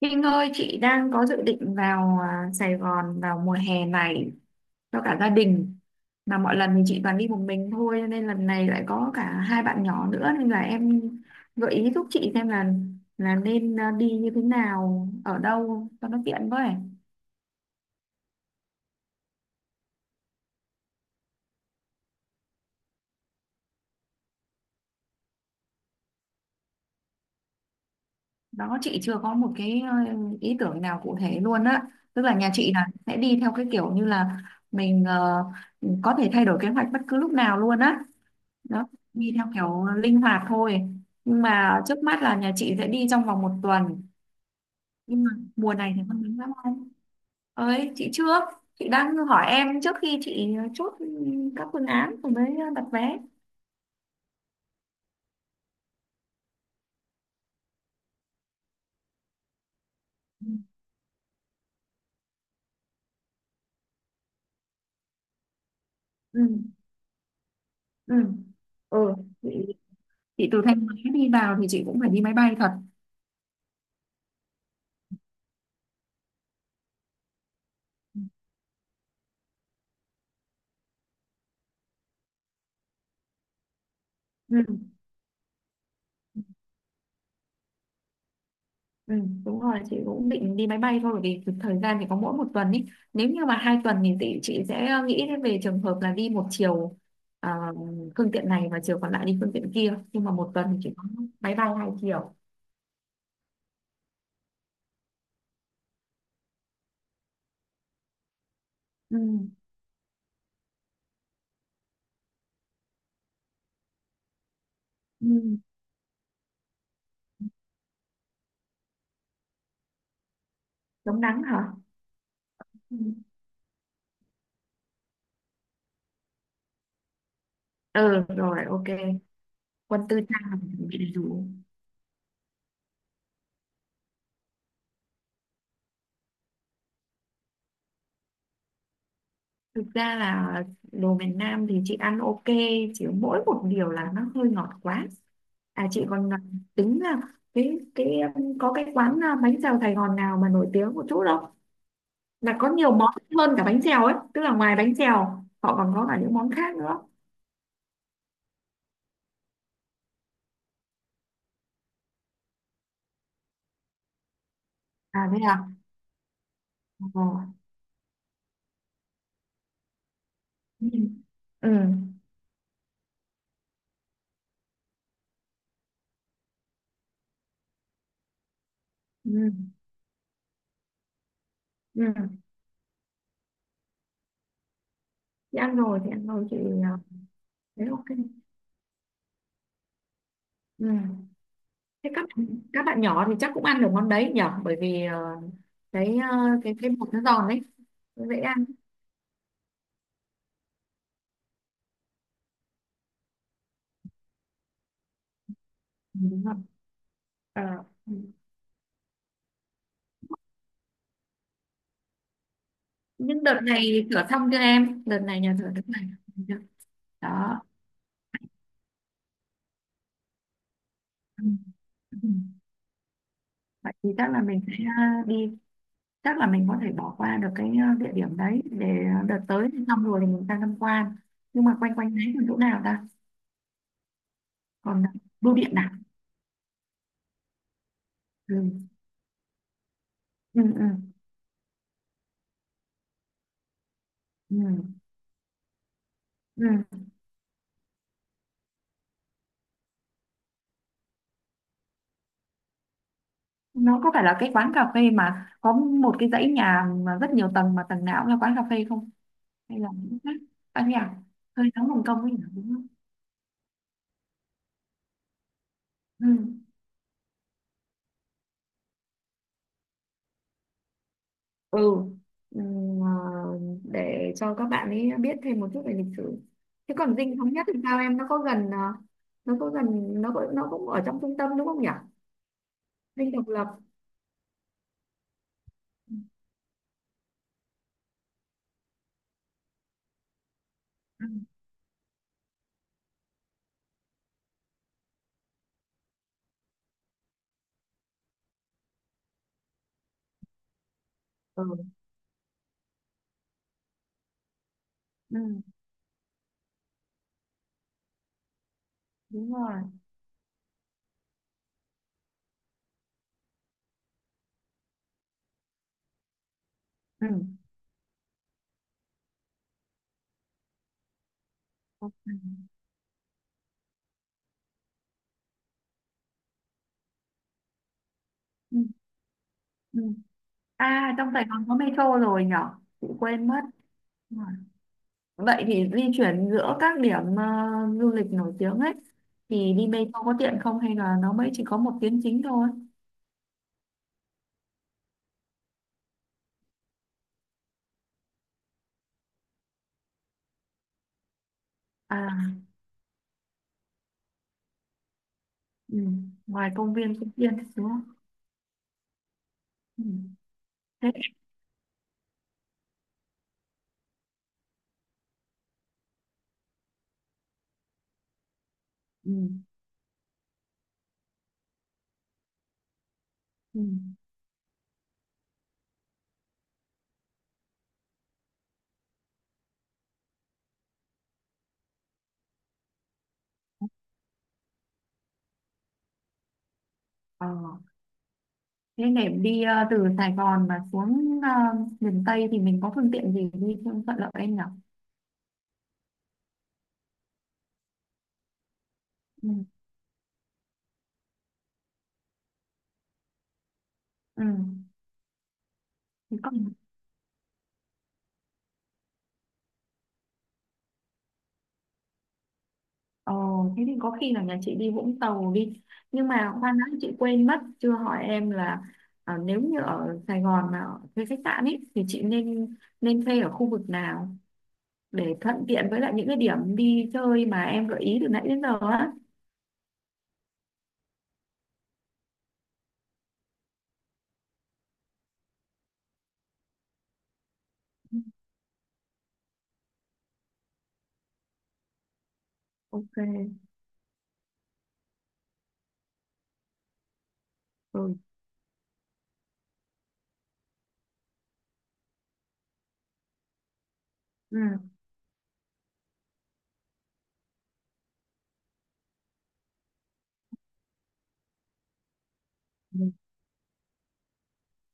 Kinh ơi, chị đang có dự định vào Sài Gòn vào mùa hè này cho cả gia đình. Mà mọi lần thì chị toàn đi một mình thôi, cho nên lần này lại có cả hai bạn nhỏ nữa nên là em gợi ý giúp chị xem là nên đi như thế nào, ở đâu cho nó tiện với. Đó chị chưa có một cái ý tưởng nào cụ thể luôn á. Tức là nhà chị là sẽ đi theo cái kiểu như là mình có thể thay đổi kế hoạch bất cứ lúc nào luôn á, đó đi theo kiểu linh hoạt thôi, nhưng mà trước mắt là nhà chị sẽ đi trong vòng một tuần. Nhưng mà mùa này thì không đúng lắm anh ơi, chị trước, chị đang hỏi em trước khi chị chốt các phương án rồi mới đặt vé. Ừ, ừ, ừ. Chị, chị từ Thanh Hóa đi vào thì chị cũng phải đi máy bay thật. Ừ. Ừ, đúng rồi, chị cũng định đi máy bay thôi bởi vì thời gian thì có mỗi một tuần ý. Nếu như mà 2 tuần thì chị sẽ nghĩ đến về trường hợp là đi một chiều, ờ, phương tiện này và chiều còn lại đi phương tiện kia, nhưng mà một tuần thì chỉ có máy bay hai chiều. Ừ. Ừ. Chống nắng hả. Ừ. Ừ rồi ok, quân tư trang là mình bị đủ. Thực ra là đồ miền Nam thì chị ăn ok, chỉ mỗi một điều là nó hơi ngọt quá. À chị còn tính là cái có cái quán bánh xèo Sài Gòn nào mà nổi tiếng một chút đâu. Là có nhiều món hơn cả bánh xèo ấy, tức là ngoài bánh xèo họ còn có cả những món khác nữa. À thế à? Ờ. Ừ. Ừ. Ừ. Ừ. Chị ăn rồi thì ăn rồi chị à, thấy ok. Ừ. Thế các bạn nhỏ thì chắc cũng ăn được món đấy nhở, bởi vì cái ờ, cái bột nó giòn đấy. Dễ ăn. Ừ, đúng không. Ờ. Nhưng đợt này thửa xong chưa em, đợt này nhà thờ đợt này chưa? Đó. Ừ. Ừ. Vậy thì chắc là mình sẽ đi, chắc là mình có thể bỏ qua được cái địa điểm đấy, để đợt tới thì xong rồi thì mình sang tham quan. Nhưng mà quanh quanh đấy còn chỗ nào ta, còn bưu điện nào. Ừ. Ừ, ừ, ừ, ừ. Nó có phải là cái quán cà phê mà có một cái dãy nhà mà rất nhiều tầng mà tầng nào cũng là quán cà phê không, hay là những cái khác? À, nhà hơi nóng hồng kông ấy nhỉ, đúng không. Ừ. Ừ. Ừm, à, để cho các bạn ấy biết thêm một chút về lịch sử. Thế còn Dinh Thống Nhất thì sao em, nó có gần nó có gần, nó có, nó cũng ở trong trung tâm đúng không nhỉ. Dinh Độc Lập. Ừ, ừ, ừ, đúng rồi. Ừ. Ừ, ừ. À trong Sài Gòn có metro rồi nhỉ? Chị quên mất. Đúng rồi. Vậy thì di chuyển giữa các điểm du lịch nổi tiếng ấy thì đi metro có tiện không, hay là nó mới chỉ có một tuyến chính thôi. À. Ừ. Ngoài công viên Phúc Yên đúng không. Ừ. Thế. Ừ. Ừ. Ờ. Thế để đi từ Sài Gòn mà xuống miền Tây thì mình có phương tiện gì đi cho thuận lợi anh nhỉ? Ừ. Ừ. Thì có... Ờ, thế thì có khi là nhà chị đi Vũng Tàu đi. Nhưng mà khoan đã, chị quên mất chưa hỏi em là nếu như ở Sài Gòn mà thuê khách sạn ấy thì chị nên nên thuê ở khu vực nào để thuận tiện với lại những cái điểm đi chơi mà em gợi ý từ nãy đến giờ á. Ok. Ừ. Ừ.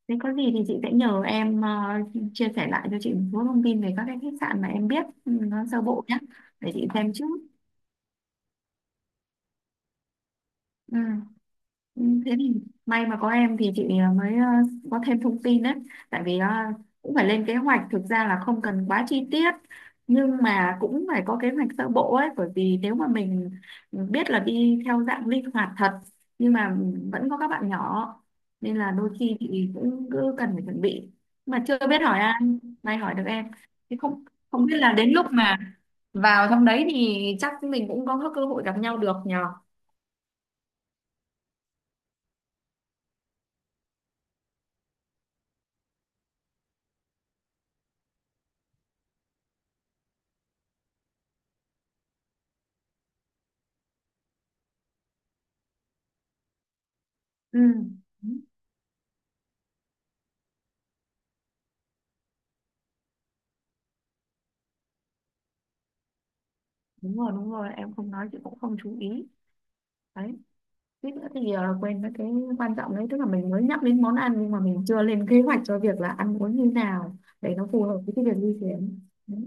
Nếu có gì thì chị sẽ nhờ em chia sẻ lại cho chị một số thông tin về các cái khách sạn mà em biết, ừ, nó sơ bộ nhé, để chị xem trước. Ừ. Ừ, thế thì may mà có em thì chị mới có thêm thông tin đấy, tại vì cũng phải lên kế hoạch, thực ra là không cần quá chi tiết nhưng mà cũng phải có kế hoạch sơ bộ ấy, bởi vì nếu mà mình biết là đi theo dạng linh hoạt thật nhưng mà vẫn có các bạn nhỏ nên là đôi khi thì cũng cứ cần phải chuẩn bị mà chưa biết hỏi ai, may hỏi được em thì không không biết là đến lúc mà vào trong đấy thì chắc mình cũng có cơ hội gặp nhau được nhờ. Ừ. Đúng rồi đúng rồi, em không nói chị cũng không chú ý đấy, suýt nữa thì quên mất cái quan trọng đấy, tức là mình mới nhắc đến món ăn nhưng mà mình chưa lên kế hoạch cho việc là ăn uống như nào để nó phù hợp với cái việc di chuyển đấy.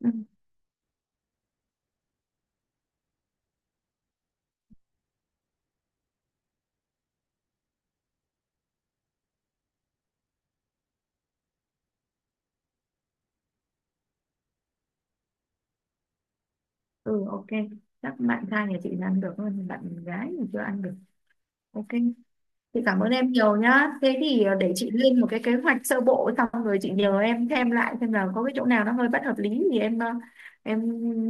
Ừ. Ừ ok, chắc bạn trai nhà chị làm được hơn, bạn gái thì chưa ăn được. Ok, chị cảm ơn em nhiều nhá, thế thì để chị lên một cái kế hoạch sơ bộ xong rồi chị nhờ em thêm lại xem là có cái chỗ nào nó hơi bất hợp lý thì em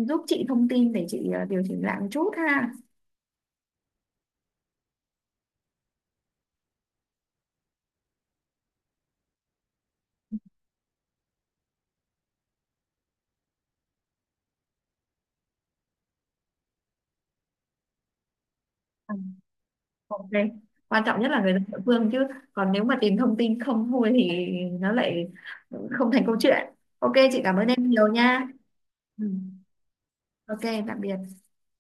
giúp chị thông tin để chị điều chỉnh lại một chút ha. Ok. Quan trọng nhất là người dân địa phương chứ, còn nếu mà tìm thông tin không thôi thì nó lại không thành câu chuyện. Ok, chị cảm ơn em nhiều nha. Ừ. Ok, tạm biệt.